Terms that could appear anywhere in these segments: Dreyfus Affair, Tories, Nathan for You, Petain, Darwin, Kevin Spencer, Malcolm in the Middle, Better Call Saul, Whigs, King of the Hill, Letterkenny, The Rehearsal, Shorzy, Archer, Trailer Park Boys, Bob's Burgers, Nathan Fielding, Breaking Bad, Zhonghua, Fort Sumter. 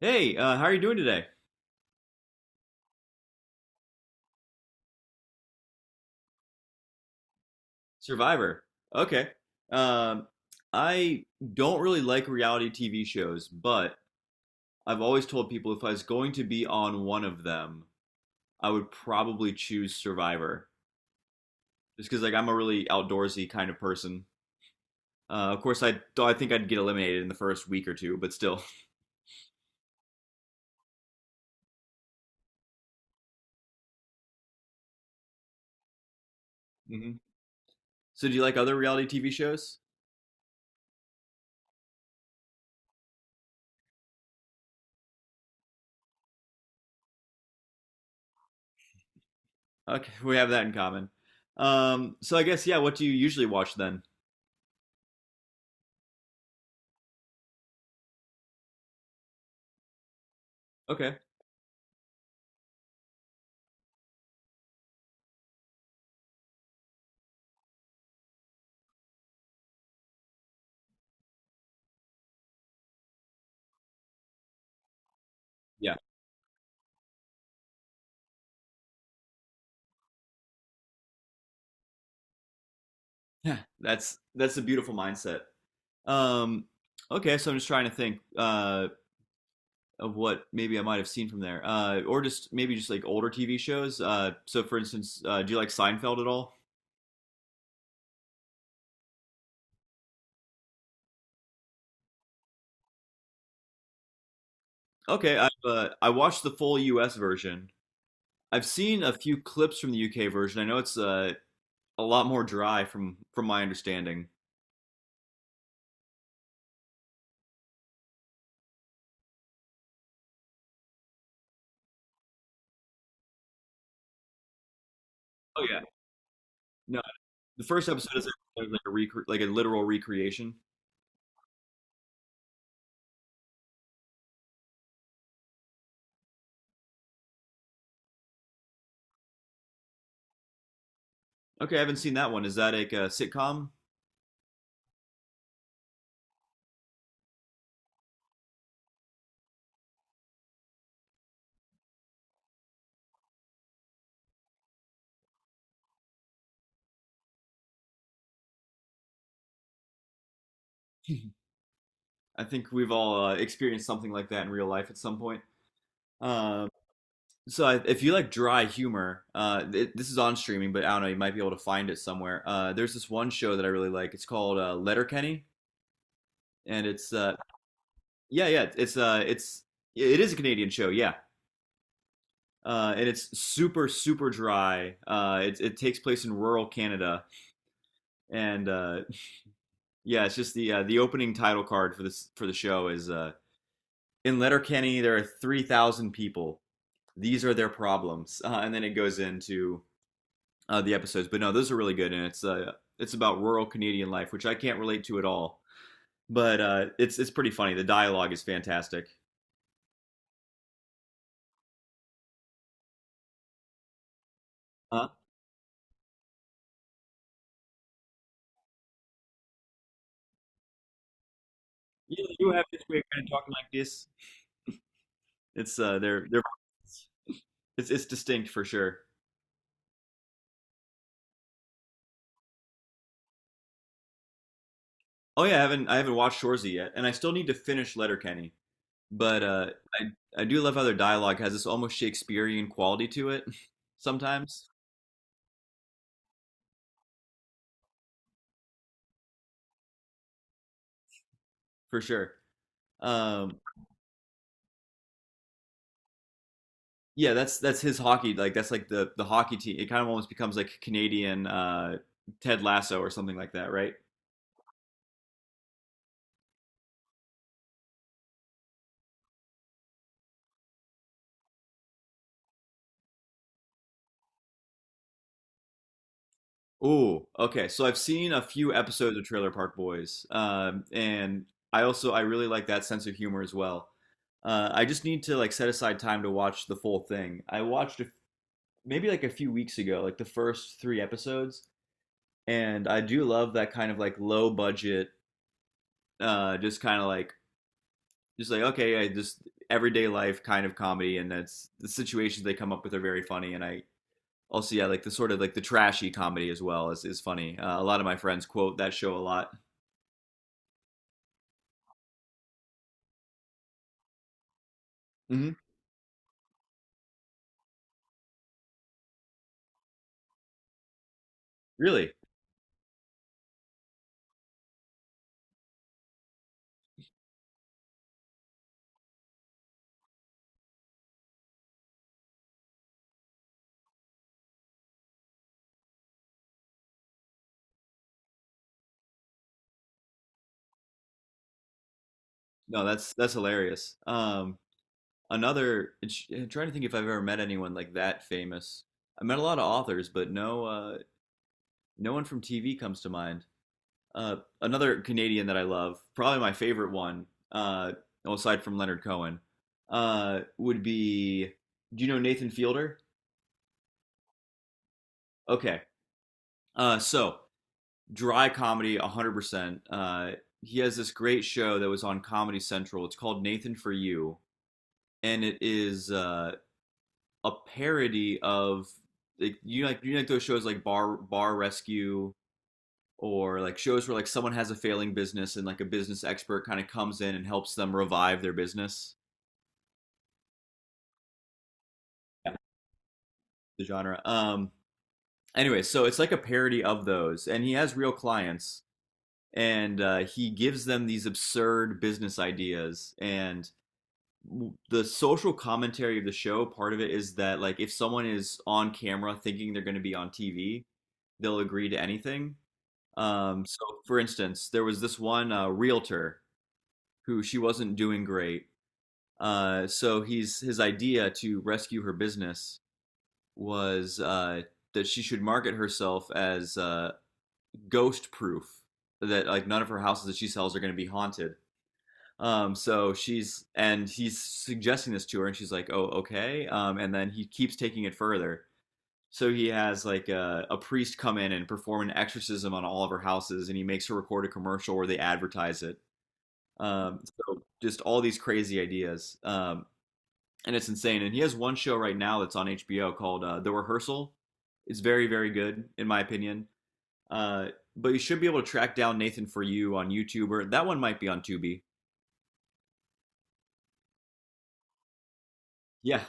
Hey, how are you doing today? Survivor. Okay. Um, I don't really like reality TV shows, but I've always told people if I was going to be on one of them, I would probably choose Survivor. Just because, like, I'm a really outdoorsy kind of person. Of course, I think I'd get eliminated in the first week or two, but still. Hmm. So, do you like other reality TV shows? Okay, we have that in common. So I guess, yeah, what do you usually watch then? Okay. Yeah. Yeah. That's a beautiful mindset. Um, okay, so I'm just trying to think of what maybe I might have seen from there, or just maybe just like older TV shows. So, for instance, do you like Seinfeld at all? Okay, I've I watched the full U.S. version. I've seen a few clips from the U.K. version. I know it's a lot more dry from my understanding. Oh yeah, no, the first episode is like a like a literal recreation. Okay, I haven't seen that one. Is that like a sitcom? I think we've all experienced something like that in real life at some point. Um, So if you like dry humor, this is on streaming, but I don't know, you might be able to find it somewhere. There's this one show that I really like. It's called Letterkenny, and it's yeah, yeah, it's yeah, it is a Canadian show, yeah, and it's super dry. It takes place in rural Canada, and yeah, it's just the opening title card for the show is in Letterkenny there are 3,000 people. These are their problems, and then it goes into the episodes. But no, those are really good, and it's about rural Canadian life, which I can't relate to at all. But it's pretty funny. The dialogue is fantastic. Uh, you have this way of kind of talking like this. It's they're it's distinct for sure. Oh yeah, I haven't watched Shorzy yet, and I still need to finish Letterkenny. But I do love how their dialogue has this almost Shakespearean quality to it sometimes, for sure. Um, yeah, that's his hockey. Like that's like the hockey team. It kind of almost becomes like Canadian Ted Lasso or something like that, right? Oh, okay. So I've seen a few episodes of Trailer Park Boys, and I also I really like that sense of humor as well. I just need to like set aside time to watch the full thing. I watched maybe like a few weeks ago, like the first 3 episodes, and I do love that kind of like low budget, just kind of like just like okay, I just everyday life kind of comedy, and that's the situations they come up with are very funny, and I also yeah like the sort of like the trashy comedy as well is funny. A lot of my friends quote that show a lot. Hmm. Really? No, that's hilarious. Another I'm trying to think if I've ever met anyone like that famous. I met a lot of authors, but no one from TV comes to mind. Another Canadian that I love, probably my favorite one, uh, well, aside from Leonard Cohen, would be. Do you know Nathan Fielder? Okay, so dry comedy, 100%. He has this great show that was on Comedy Central. It's called Nathan for You, and it is a parody of like those shows like Bar Rescue or like shows where like someone has a failing business and like a business expert kind of comes in and helps them revive their business. Yeah. The genre, um, anyway, so it's like a parody of those and he has real clients, and he gives them these absurd business ideas. And the social commentary of the show, part of it is that like if someone is on camera thinking they're going to be on TV, they'll agree to anything. Um, so for instance there was this one realtor who she wasn't doing great. So he's his idea to rescue her business was that she should market herself as ghost proof. That like none of her houses that she sells are going to be haunted. So she's and he's suggesting this to her, and she's like, "Oh, okay." And then he keeps taking it further. So he has like a priest come in and perform an exorcism on all of her houses, and he makes her record a commercial where they advertise it. So just all these crazy ideas. And it's insane. And he has one show right now that's on HBO called The Rehearsal. It's very, very good in my opinion. Uh, but you should be able to track down Nathan for You on YouTube, or that one might be on Tubi. Yeah,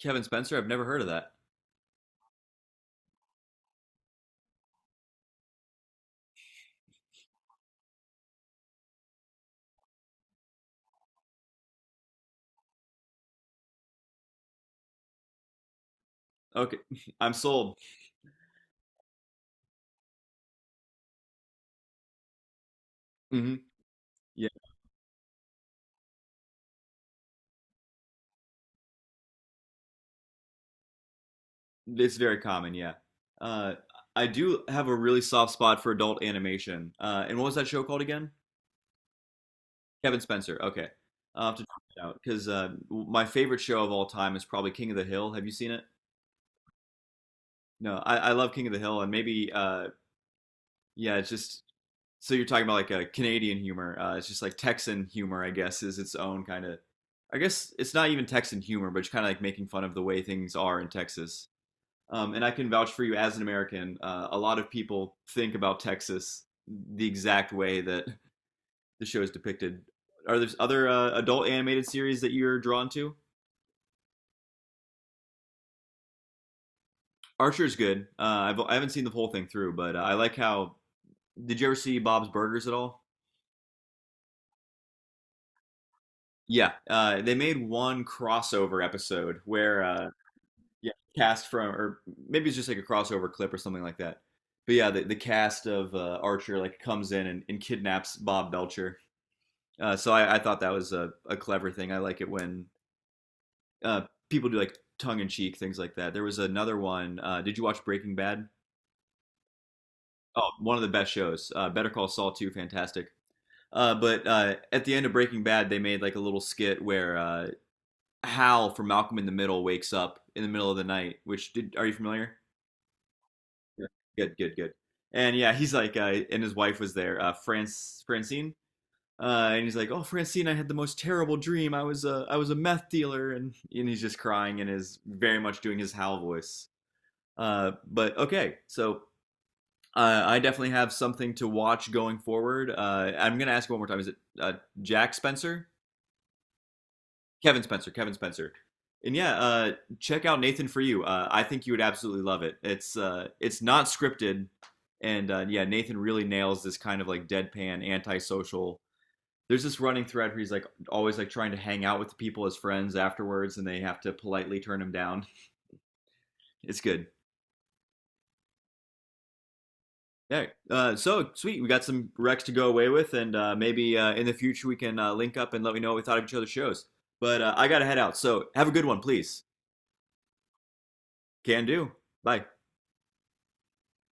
Kevin Spencer. I've never heard of that. Okay, I'm sold. Hmm. Yeah, it's very common. Yeah, uh, I do have a really soft spot for adult animation. And what was that show called again? Kevin Spencer. Okay, I'll have to check it out because my favorite show of all time is probably King of the Hill. Have you seen it? No, I love King of the Hill. And maybe yeah, it's just so you're talking about like a Canadian humor. It's just like Texan humor, I guess, is its own kind of. I guess it's not even Texan humor, but it's kind of like making fun of the way things are in Texas. And I can vouch for you as an American. A lot of people think about Texas the exact way that the show is depicted. Are there other adult animated series that you're drawn to? Archer's good. I haven't seen the whole thing through, but I like how. Did you ever see Bob's Burgers at all? Yeah, they made one crossover episode where, yeah, cast from, or maybe it's just like a crossover clip or something like that. But yeah, the cast of Archer like comes in and kidnaps Bob Belcher. So I thought that was a clever thing. I like it when uh, people do like tongue in cheek things like that. There was another one. Did you watch Breaking Bad? Oh, one of the best shows. Better Call Saul too, fantastic. But at the end of Breaking Bad, they made like a little skit where Hal from Malcolm in the Middle wakes up in the middle of the night. Which did Are you familiar? Yeah. Good, good, good. And yeah, he's like, and his wife was there, France Francine. And he's like, "Oh, Francine, I had the most terrible dream. I was a meth dealer," and he's just crying and is very much doing his Hal voice. But Okay, so I definitely have something to watch going forward. I'm gonna ask one more time. Is it Jack Spencer? Kevin Spencer. And yeah, check out Nathan for You. I think you would absolutely love it. It's not scripted, and yeah, Nathan really nails this kind of like deadpan, antisocial. There's this running thread where he's like always like trying to hang out with the people as friends afterwards, and they have to politely turn him down. It's good. Yeah. So sweet. We got some recs to go away with, and maybe in the future we can link up and let me know what we thought of each other's shows. But I gotta head out. So have a good one, please. Can do. Bye.